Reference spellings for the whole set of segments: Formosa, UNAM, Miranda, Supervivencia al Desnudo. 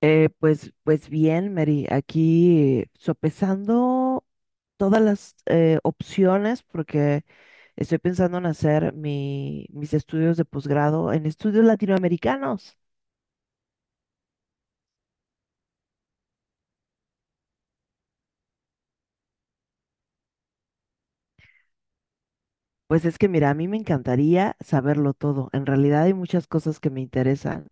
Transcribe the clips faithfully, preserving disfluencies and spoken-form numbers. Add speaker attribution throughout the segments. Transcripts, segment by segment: Speaker 1: Eh, pues, pues bien, Mary, aquí sopesando todas las eh, opciones porque estoy pensando en hacer mi- mis estudios de posgrado en estudios latinoamericanos. Pues es que, mira, a mí me encantaría saberlo todo. En realidad hay muchas cosas que me interesan,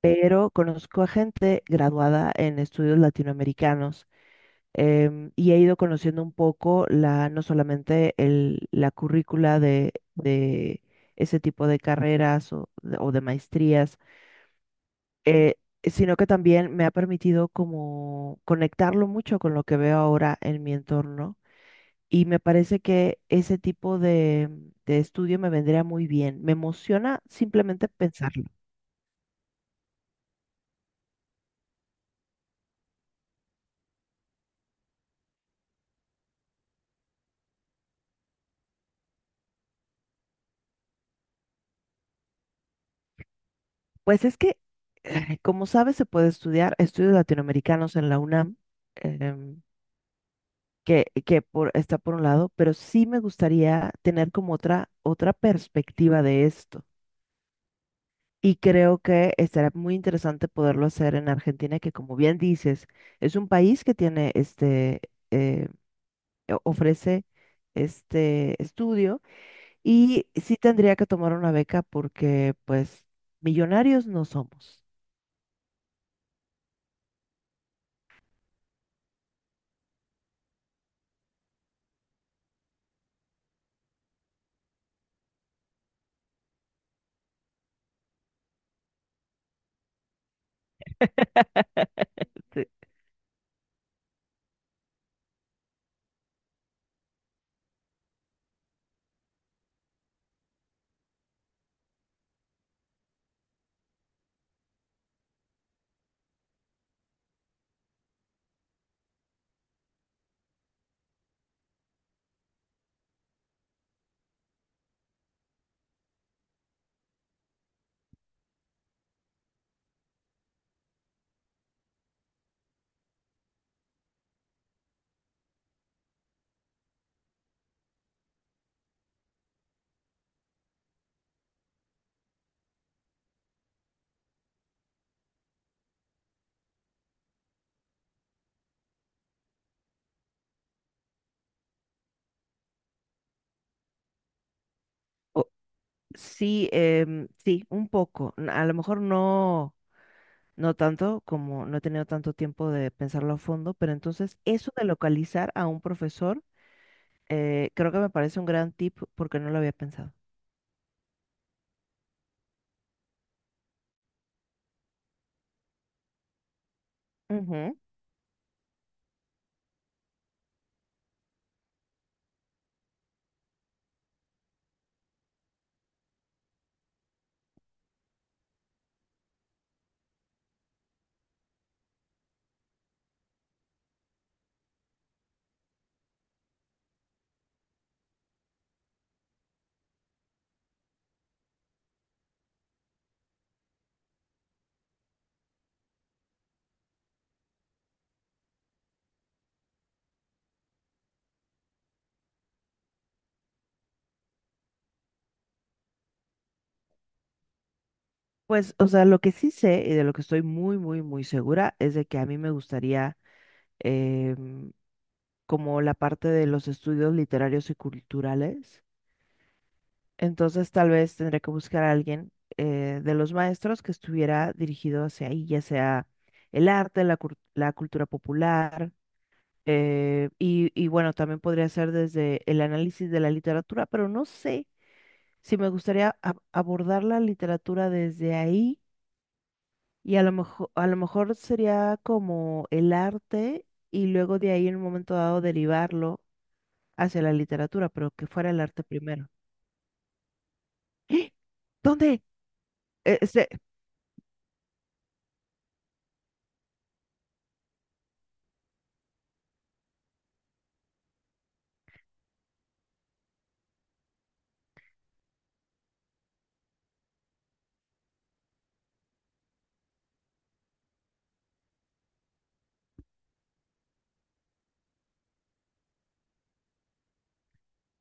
Speaker 1: pero conozco a gente graduada en estudios latinoamericanos, em, y he ido conociendo un poco la, no solamente el, la currícula de, de ese tipo de carreras o, de o de maestrías, eh, sino que también me ha permitido como conectarlo mucho con lo que veo ahora en mi entorno. Y me parece que ese tipo de, de estudio me vendría muy bien. Me emociona simplemente pensarlo. Pues es que, como sabes, se puede estudiar estudios latinoamericanos en la UNAM. em, que, que por, Está por un lado, pero sí me gustaría tener como otra, otra perspectiva de esto. Y creo que estará muy interesante poderlo hacer en Argentina, que como bien dices, es un país que tiene este, eh, o- ofrece este estudio y sí tendría que tomar una beca porque pues millonarios no somos. Sí, o- sí, em, sí, un poco. A lo mejor no. No tanto, como no he tenido tanto tiempo de pensarlo a fondo, pero entonces eso de localizar a un profesor, eh, creo que me parece un gran tip porque no lo había pensado. Ujú. Pues, o sea, lo que sí sé y de lo que estoy muy, muy, muy segura es de que a mí me gustaría, em, como la parte de los estudios literarios y culturales. Entonces, tal vez tendré que buscar a alguien, eh, de los maestros que estuviera dirigido hacia ahí, ya sea el arte, la, cur- la cultura popular. Eh, y, y bueno, también podría ser desde el análisis de la literatura, pero no sé si me gustaría ab- abordar la literatura desde ahí, y a lo mejor, a lo mejor sería como el arte y luego de ahí en un momento dado derivarlo hacia la literatura, pero que fuera el arte primero. ¡Ah! ¿Dónde? Eh, este-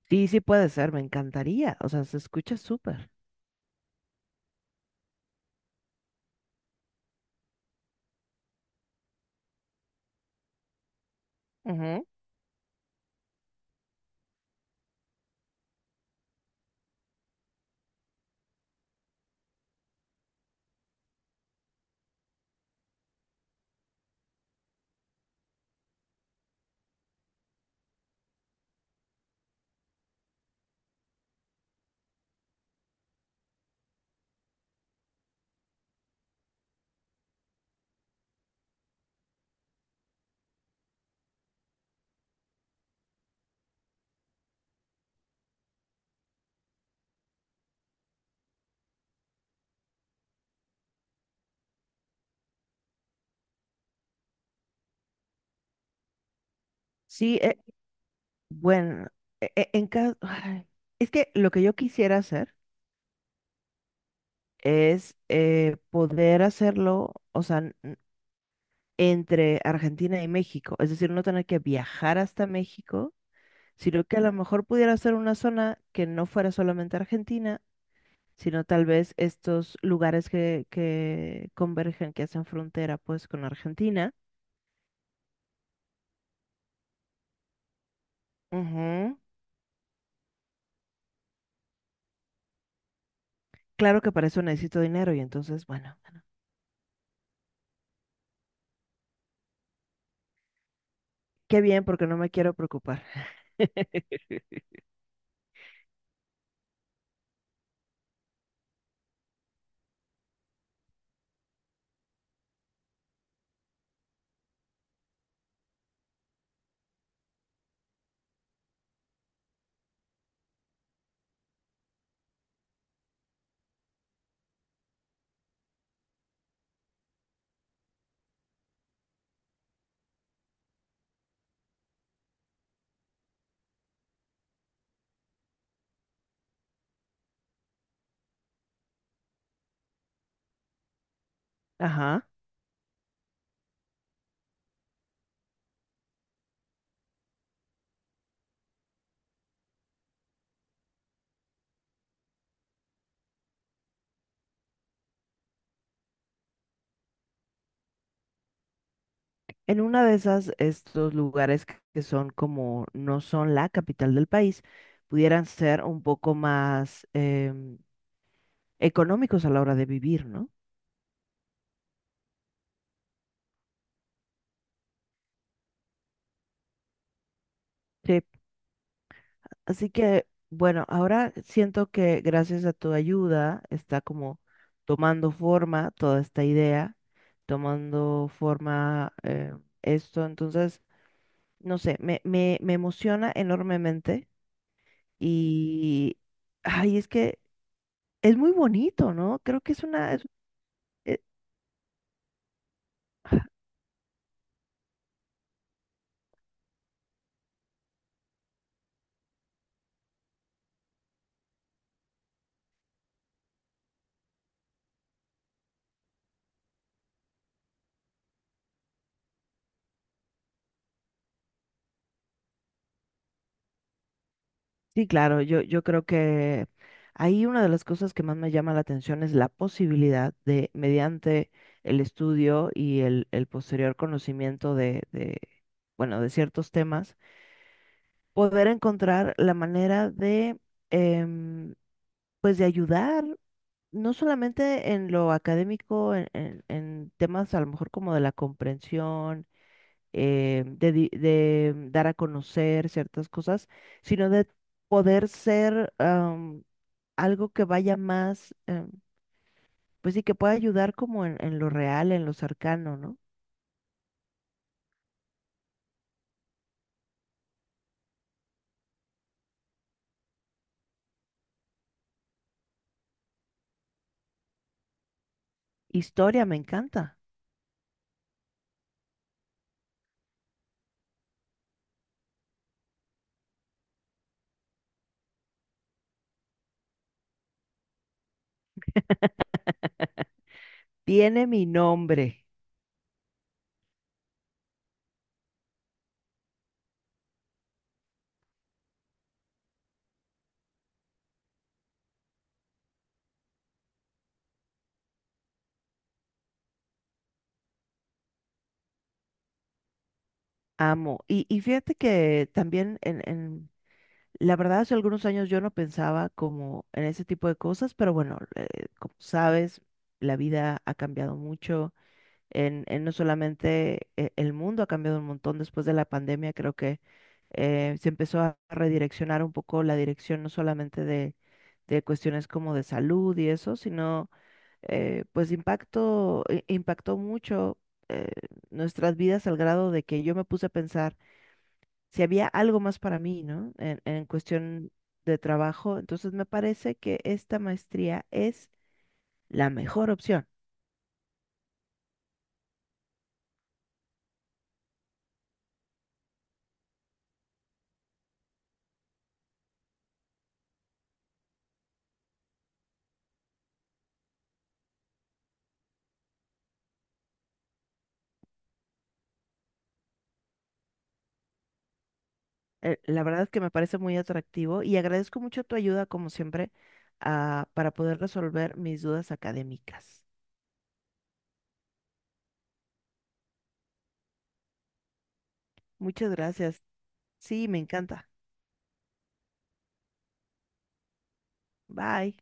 Speaker 1: sí, sí puede ser, me encantaría. O sea, se escucha súper. Ujú. Sí, eh, bueno, e- e- en caso... Es que lo que yo quisiera hacer es, eh, poder hacerlo, o sea, n- entre Argentina y México, es decir, no tener que viajar hasta México, sino que a lo mejor pudiera ser una zona que no fuera solamente Argentina, sino tal vez estos lugares que, que convergen, que hacen frontera pues con Argentina. Ujú. Claro que para eso necesito dinero y entonces, bueno, qué bien porque no me quiero preocupar. Ajá. En una de esas, estos lugares que que son como no son la capital del país, pudieran ser un poco más, em, económicos a la hora de vivir, ¿no? Sí. Así que, bueno, ahora siento que gracias a tu ayuda está como tomando forma toda esta idea, tomando forma, eh, esto. Entonces, no sé, me, me, me emociona enormemente y, ay, es que es muy bonito, ¿no? Creo que es una... Eh, Sí, claro, yo, yo creo que ahí una de las cosas que más me llama la atención es la posibilidad de, mediante el estudio y el, el posterior conocimiento de, de, bueno, de ciertos temas, poder encontrar la manera de, em, pues, de ayudar no solamente en lo académico, en, en- en temas a lo mejor como de la comprensión, eh, de, di- de dar a conocer ciertas cosas, sino de poder ser, am, algo que vaya más, em, pues sí, que pueda ayudar como en, en lo real, en lo cercano, ¿no? Historia, me encanta. Tiene mi nombre, amo. Y, y fíjate que también... La verdad, hace algunos años yo no pensaba como en ese tipo de cosas, pero bueno, eh, como sabes, la vida ha cambiado mucho. En, en no solamente eh, el mundo ha cambiado un montón después de la pandemia, creo que, eh, se empezó a redireccionar un poco la dirección, no solamente de, de cuestiones como de salud y eso, sino, eh, pues impacto, i- impactó mucho, eh, nuestras vidas al grado de que yo me puse a pensar si había algo más para mí, ¿no? En, en cuestión de trabajo. Entonces me parece que esta maestría es la mejor opción. Eh, la verdad es que me parece muy atractivo y agradezco mucho tu ayuda, como siempre, ah, para poder resolver mis dudas académicas. Muchas gracias. Sí, me encanta. Bye.